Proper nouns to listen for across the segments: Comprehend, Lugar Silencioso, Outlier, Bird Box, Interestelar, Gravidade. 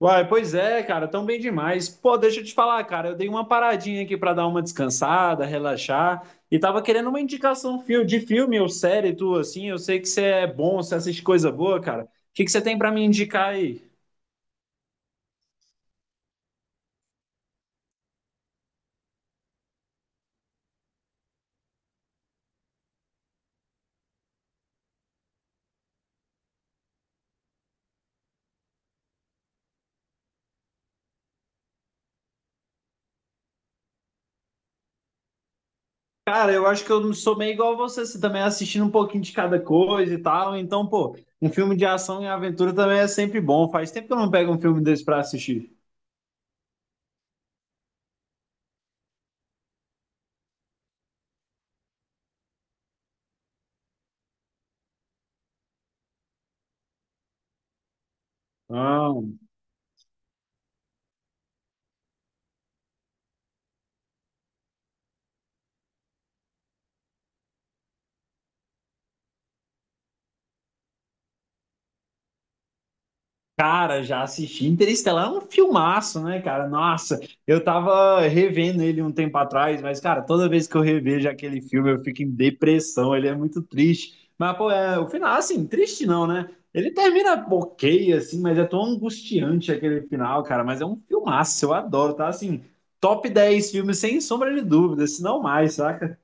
Uai, pois é, cara, tão bem demais. Pô, deixa eu te falar, cara, eu dei uma paradinha aqui pra dar uma descansada, relaxar, e tava querendo uma indicação de filme ou série tu assim, eu sei que você é bom, você assiste coisa boa, cara. O que que você tem pra me indicar aí? Cara, eu acho que eu não sou meio igual a você, você também é assistindo um pouquinho de cada coisa e tal, então, pô, um filme de ação e aventura também é sempre bom. Faz tempo que eu não pego um filme desse pra assistir. Ah. Cara, já assisti. Interestelar é um filmaço, né, cara? Nossa, eu tava revendo ele um tempo atrás, mas, cara, toda vez que eu revejo aquele filme, eu fico em depressão. Ele é muito triste. Mas, pô, é, o final, assim, triste não, né? Ele termina ok, assim, mas é tão angustiante aquele final, cara. Mas é um filmaço, eu adoro, tá? Assim, top 10 filmes, sem sombra de dúvida, se não mais, saca?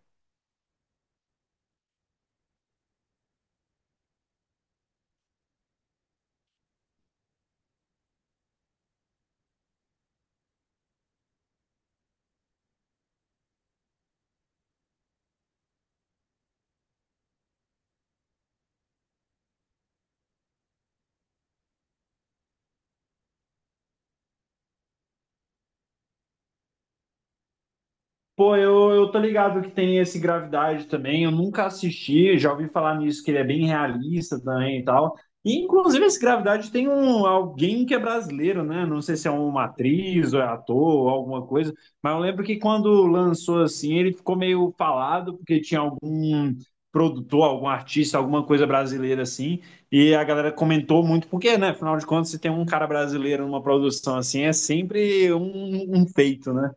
Pô, eu tô ligado que tem esse Gravidade também. Eu nunca assisti, já ouvi falar nisso, que ele é bem realista também e tal. E, inclusive, esse Gravidade tem alguém que é brasileiro, né? Não sei se é uma atriz ou é ator ou alguma coisa, mas eu lembro que quando lançou assim, ele ficou meio falado, porque tinha algum produtor, algum artista, alguma coisa brasileira assim, e a galera comentou muito, porque, né? Afinal de contas, se tem um cara brasileiro numa produção assim, é sempre um feito, né?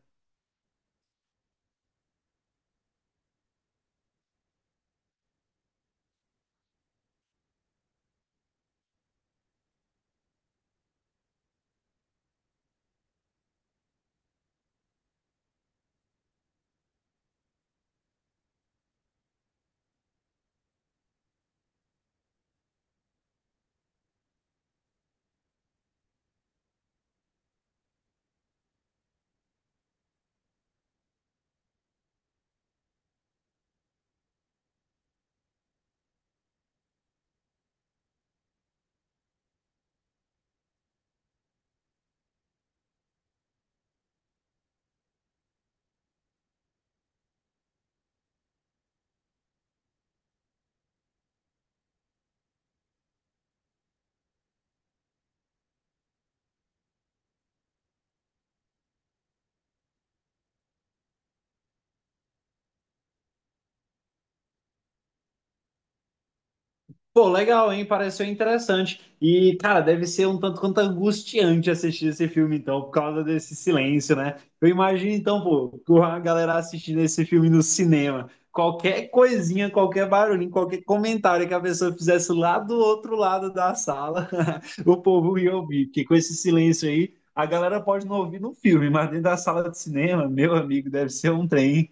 Pô, legal, hein? Pareceu interessante. E, cara, deve ser um tanto quanto angustiante assistir esse filme, então, por causa desse silêncio, né? Eu imagino, então, pô, com a galera assistindo esse filme no cinema. Qualquer coisinha, qualquer barulhinho, qualquer comentário que a pessoa fizesse lá do outro lado da sala, o povo ia ouvir. Porque com esse silêncio aí, a galera pode não ouvir no filme, mas dentro da sala de cinema, meu amigo, deve ser um trem.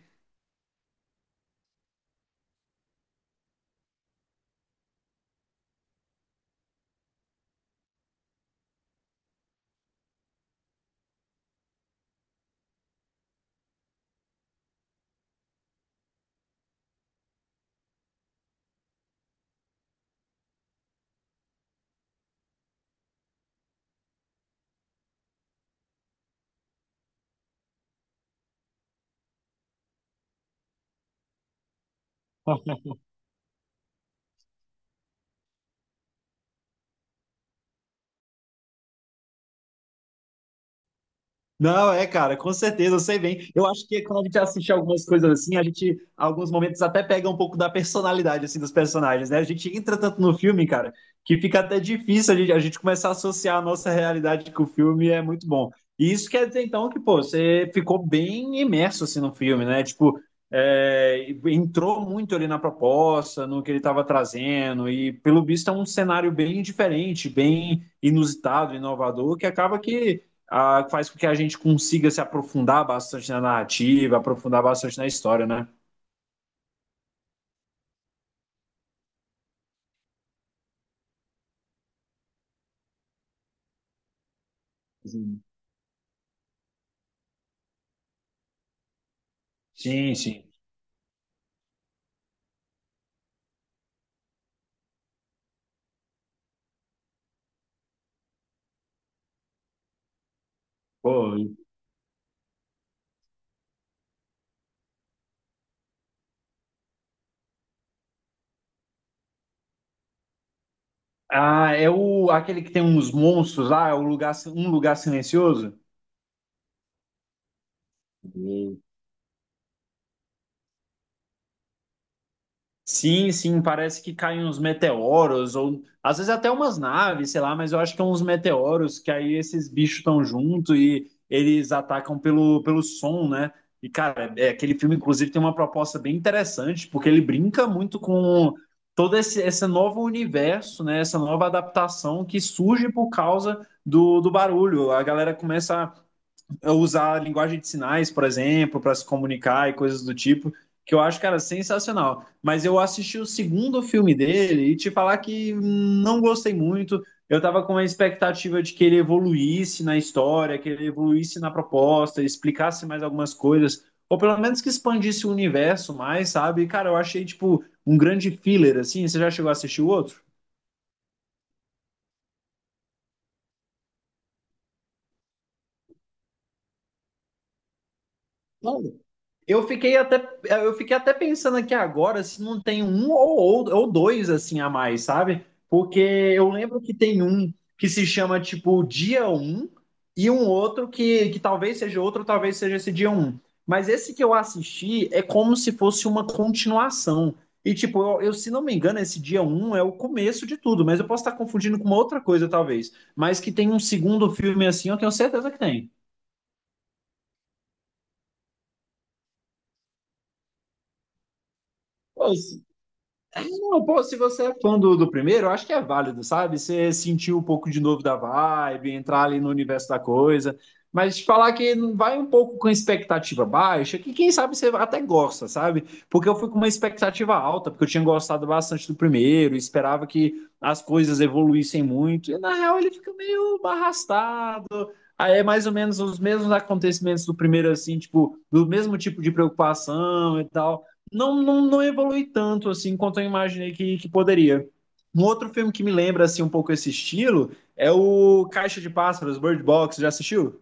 Não, é, cara, com certeza, eu sei bem. Eu acho que quando a gente assiste algumas coisas assim, a gente, alguns momentos, até pega um pouco da personalidade, assim, dos personagens, né? A gente entra tanto no filme, cara, que fica até difícil a gente começar a associar a nossa realidade com o filme, é muito bom. E isso quer dizer, então, que, pô, você ficou bem imerso, assim, no filme, né? Tipo, é, entrou muito ali na proposta, no que ele estava trazendo, e pelo visto é um cenário bem diferente, bem inusitado, inovador, que acaba que ah, faz com que a gente consiga se aprofundar bastante na narrativa, aprofundar bastante na história, né? Sim. Sim, sim. Pô. Ah, é o aquele que tem uns monstros lá, é o lugar, um lugar silencioso? Sim, sim, parece que caem uns meteoros, ou às vezes até umas naves, sei lá, mas eu acho que é uns meteoros que aí esses bichos estão junto e eles atacam pelo, som, né? E, cara, é, é, aquele filme, inclusive, tem uma proposta bem interessante, porque ele brinca muito com todo esse novo universo, né? Essa nova adaptação que surge por causa do barulho. A galera começa usar linguagem de sinais, por exemplo, para se comunicar e coisas do tipo, que eu acho, cara, sensacional. Mas eu assisti o segundo filme dele e te falar que não gostei muito. Eu tava com uma expectativa de que ele evoluísse na história, que ele evoluísse na proposta, explicasse mais algumas coisas, ou pelo menos que expandisse o universo mais, sabe? E, cara, eu achei, tipo, um grande filler, assim. Você já chegou a assistir o outro? Não. Eu fiquei até, eu fiquei até pensando aqui agora se não tem um ou dois assim a mais, sabe? Porque eu lembro que tem um que se chama tipo dia Um e um outro que talvez seja outro, talvez seja esse dia Um. Mas esse que eu assisti é como se fosse uma continuação. E tipo, eu, se não me engano, esse dia Um é o começo de tudo, mas eu posso estar confundindo com uma outra coisa talvez. Mas que tem um segundo filme assim, eu tenho certeza que tem. Pô. Não, pô, se você é fã do primeiro, eu acho que é válido, sabe? Você sentir um pouco de novo da vibe, entrar ali no universo da coisa. Mas te falar que não vai um pouco com a expectativa baixa, que quem sabe você até gosta, sabe? Porque eu fui com uma expectativa alta, porque eu tinha gostado bastante do primeiro, esperava que as coisas evoluíssem muito. E na real ele fica meio arrastado. Aí é mais ou menos os mesmos acontecimentos do primeiro, assim, tipo, do mesmo tipo de preocupação e tal não, não, não evolui tanto assim quanto eu imaginei que poderia. Um outro filme que me lembra assim um pouco esse estilo é o Caixa de Pássaros, Bird Box. Já assistiu?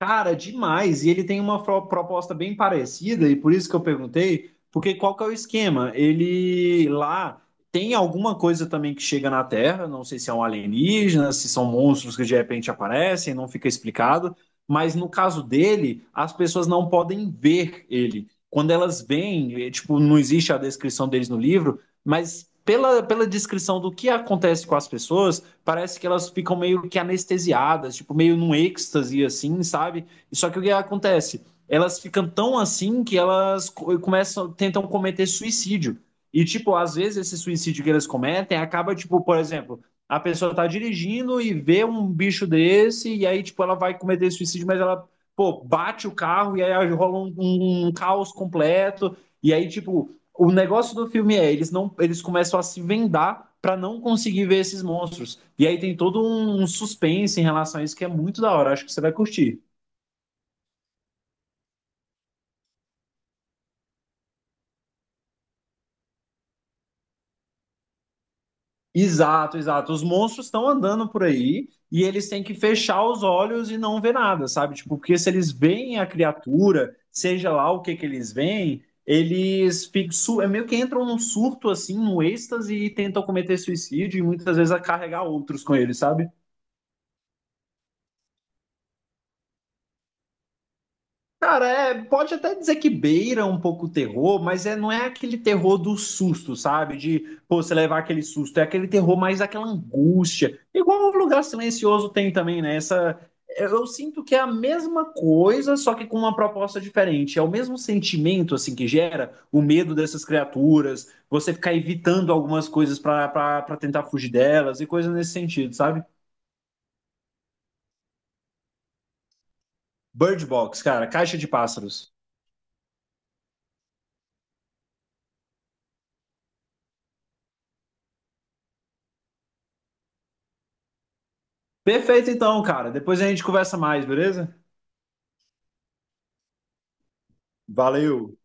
Cara, demais. E ele tem uma proposta bem parecida, e por isso que eu perguntei, porque qual que é o esquema? Ele lá tem alguma coisa também que chega na Terra, não sei se é um alienígena, se são monstros que de repente aparecem, não fica explicado, mas no caso dele, as pessoas não podem ver ele. Quando elas veem, eh, tipo, não existe a descrição deles no livro, mas pela, descrição do que acontece com as pessoas parece que elas ficam meio que anestesiadas, tipo, meio num êxtase, assim, sabe? Só que o que acontece? Elas ficam tão assim que elas começam, tentam cometer suicídio. E, tipo, às vezes esse suicídio que elas cometem acaba, tipo, por exemplo, a pessoa tá dirigindo e vê um bicho desse, e aí, tipo, ela vai cometer suicídio, mas ela, pô, bate o carro e aí rola um, um caos completo. E aí, tipo, o negócio do filme é, eles não, eles começam a se vendar para não conseguir ver esses monstros. E aí tem todo um suspense em relação a isso que é muito da hora, acho que você vai curtir. Exato, exato. Os monstros estão andando por aí e eles têm que fechar os olhos e não ver nada, sabe? Tipo, porque se eles veem a criatura, seja lá o que que eles veem, eles ficam, é meio que entram num surto assim, num êxtase e tentam cometer suicídio e muitas vezes a carregar outros com eles, sabe? Cara, é, pode até dizer que beira um pouco o terror, mas é, não é aquele terror do susto, sabe? De, pô, você levar aquele susto. É aquele terror mais daquela angústia. Igual o Lugar Silencioso tem também, né? Essa, eu sinto que é a mesma coisa, só que com uma proposta diferente. É o mesmo sentimento, assim, que gera o medo dessas criaturas, você ficar evitando algumas coisas pra para tentar fugir delas e coisa nesse sentido, sabe? Bird Box, cara, Caixa de Pássaros. Perfeito então, cara. Depois a gente conversa mais, beleza? Valeu!